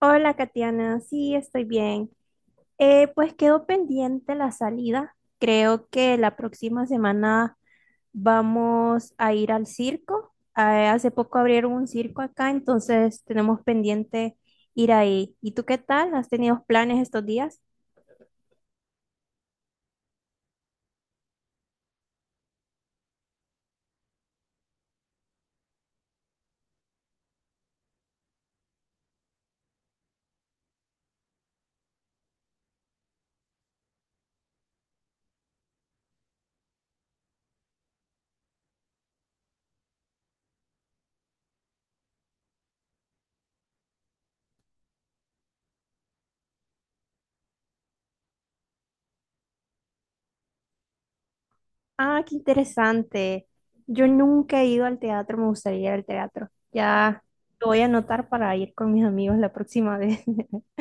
Hola, Katiana. Sí, estoy bien. Pues quedó pendiente la salida. Creo que la próxima semana vamos a ir al circo. Hace poco abrieron un circo acá, entonces tenemos pendiente ir ahí. ¿Y tú qué tal? ¿Has tenido planes estos días? Ah, qué interesante. Yo nunca he ido al teatro, me gustaría ir al teatro. Ya lo voy a anotar para ir con mis amigos la próxima vez.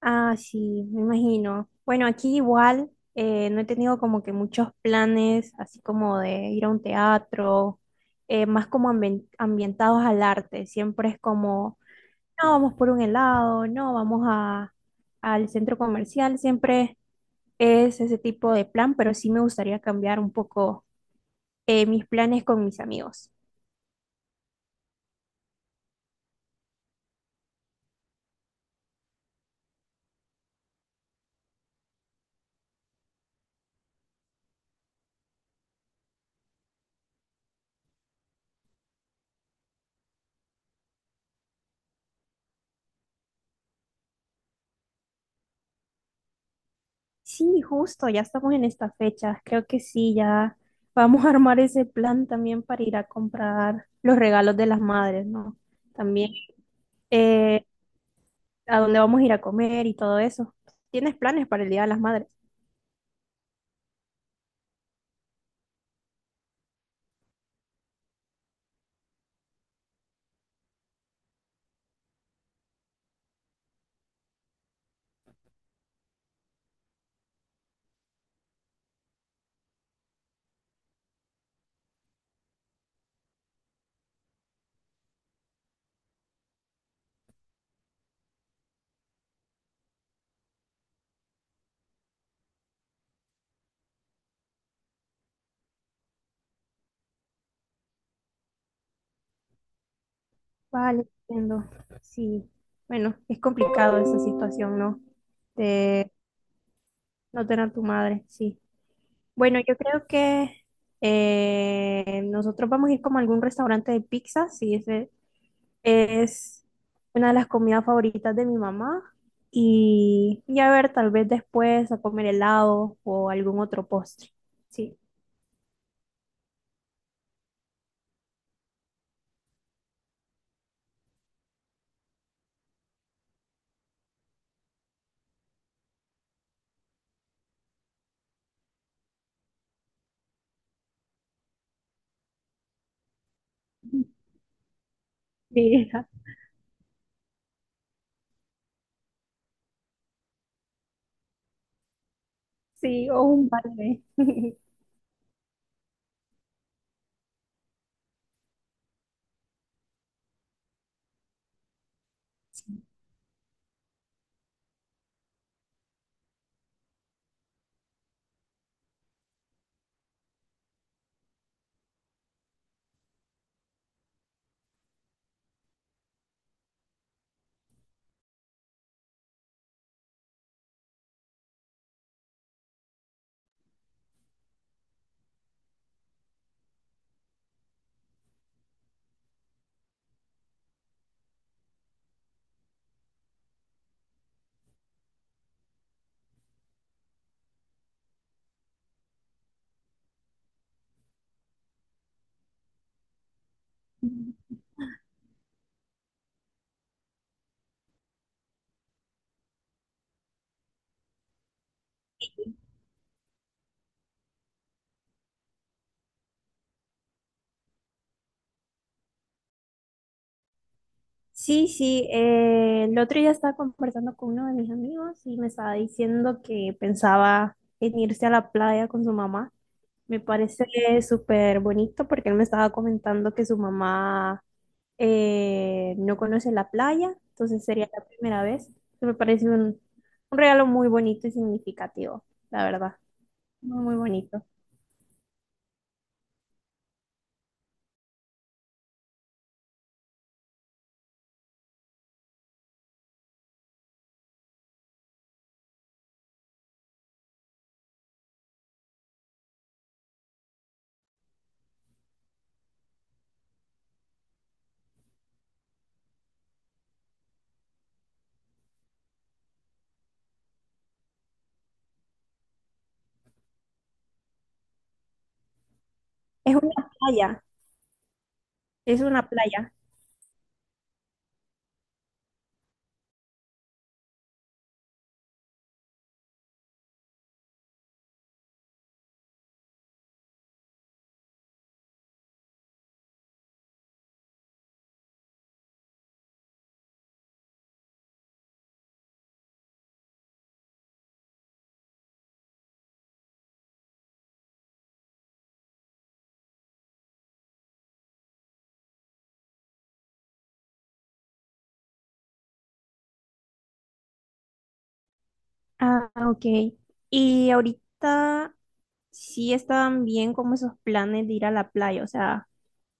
Ah, sí, me imagino. Bueno, aquí igual no he tenido como que muchos planes, así como de ir a un teatro, más como ambientados al arte. Siempre es como, no, vamos por un helado, no, vamos a, al centro comercial. Siempre es ese tipo de plan, pero sí me gustaría cambiar un poco mis planes con mis amigos. Sí, justo, ya estamos en esta fecha. Creo que sí, ya vamos a armar ese plan también para ir a comprar los regalos de las madres, ¿no? También eh, a dónde vamos a ir a comer y todo eso. ¿Tienes planes para el Día de las Madres? Vale, entiendo. Sí, bueno, es complicado esa situación, ¿no? De no tener a tu madre, sí. Bueno, yo creo que nosotros vamos a ir como a algún restaurante de pizza, sí, ese. Es una de las comidas favoritas de mi mamá. Y a ver, tal vez después a comer helado o algún otro postre. Sí, sí, sí, o un balde. Sí, sí. El otro día estaba conversando con uno de mis amigos y me estaba diciendo que pensaba en irse a la playa con su mamá. Me parece súper bonito porque él me estaba comentando que su mamá no conoce la playa, entonces sería la primera vez. Entonces me parece un regalo muy bonito y significativo, la verdad. Muy, muy bonito. Es una playa, es una playa. Ah, ok. Y ahorita sí estaban bien como esos planes de ir a la playa, o sea,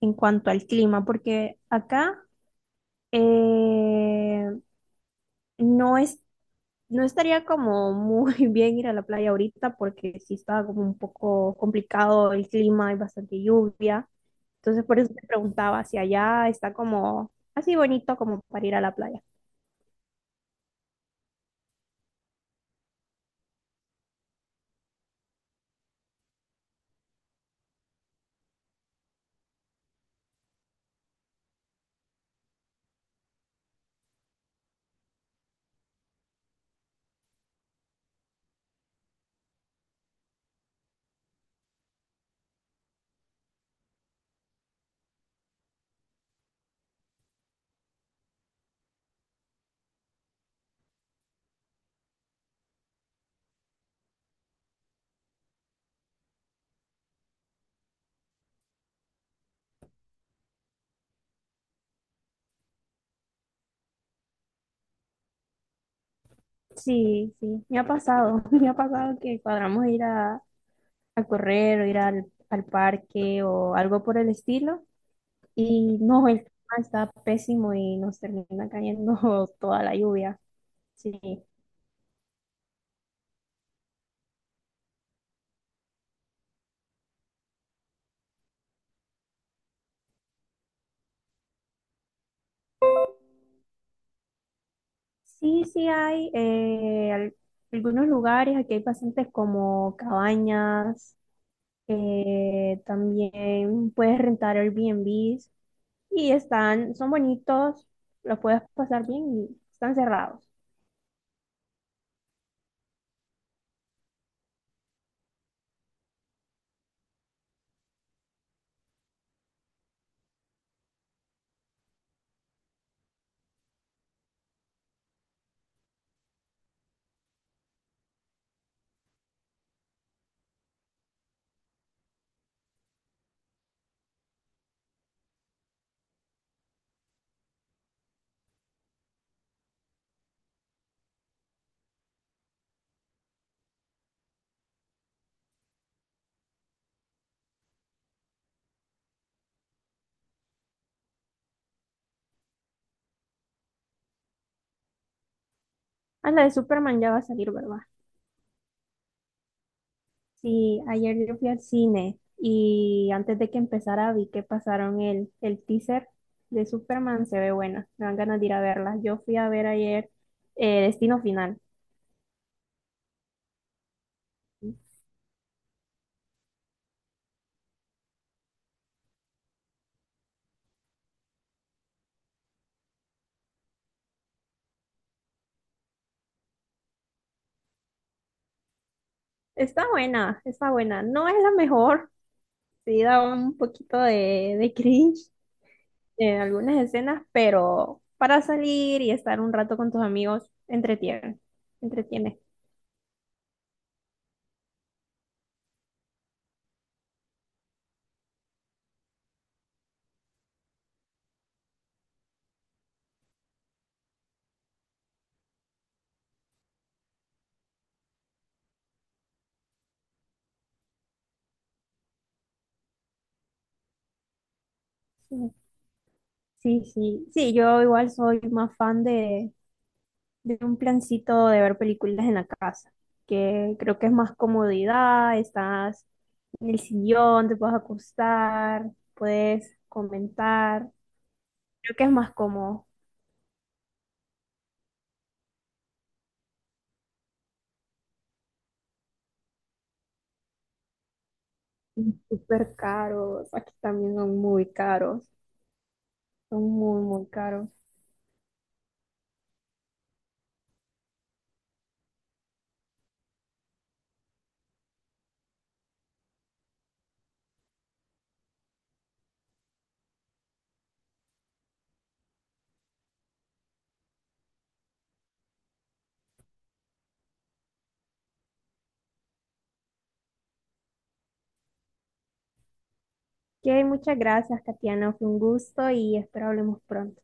en cuanto al clima, porque acá eh, no es no estaría como muy bien ir a la playa ahorita porque sí está como un poco complicado el clima, hay bastante lluvia. Entonces por eso te preguntaba si allá está como así bonito como para ir a la playa. Sí, sí, me ha pasado, me ha pasado que cuadramos ir a correr o ir al, al parque o algo por el estilo y no, el clima está pésimo y nos termina cayendo toda la lluvia. Sí. Sí, sí hay algunos lugares, aquí hay bastantes como cabañas, también puedes rentar Airbnbs y están, son bonitos, los puedes pasar bien y están cerrados. Ah, la de Superman ya va a salir, ¿verdad? Sí, ayer yo fui al cine y antes de que empezara vi que pasaron el teaser de Superman, se ve buena, me dan ganas de ir a verla. Yo fui a ver ayer Destino Final. Está buena, está buena. No es la mejor, sí da un poquito de cringe en algunas escenas, pero para salir y estar un rato con tus amigos, entretiene, entretiene. Sí, sí, sí. Sí, yo igual soy más fan de un plancito de ver películas en la casa, que creo que es más comodidad, estás en el sillón, te puedes acostar, puedes comentar, creo que es más cómodo. Súper caros, aquí también son muy caros, son muy, muy caros. Ok, muchas gracias, Katiana, fue un gusto y espero hablemos pronto.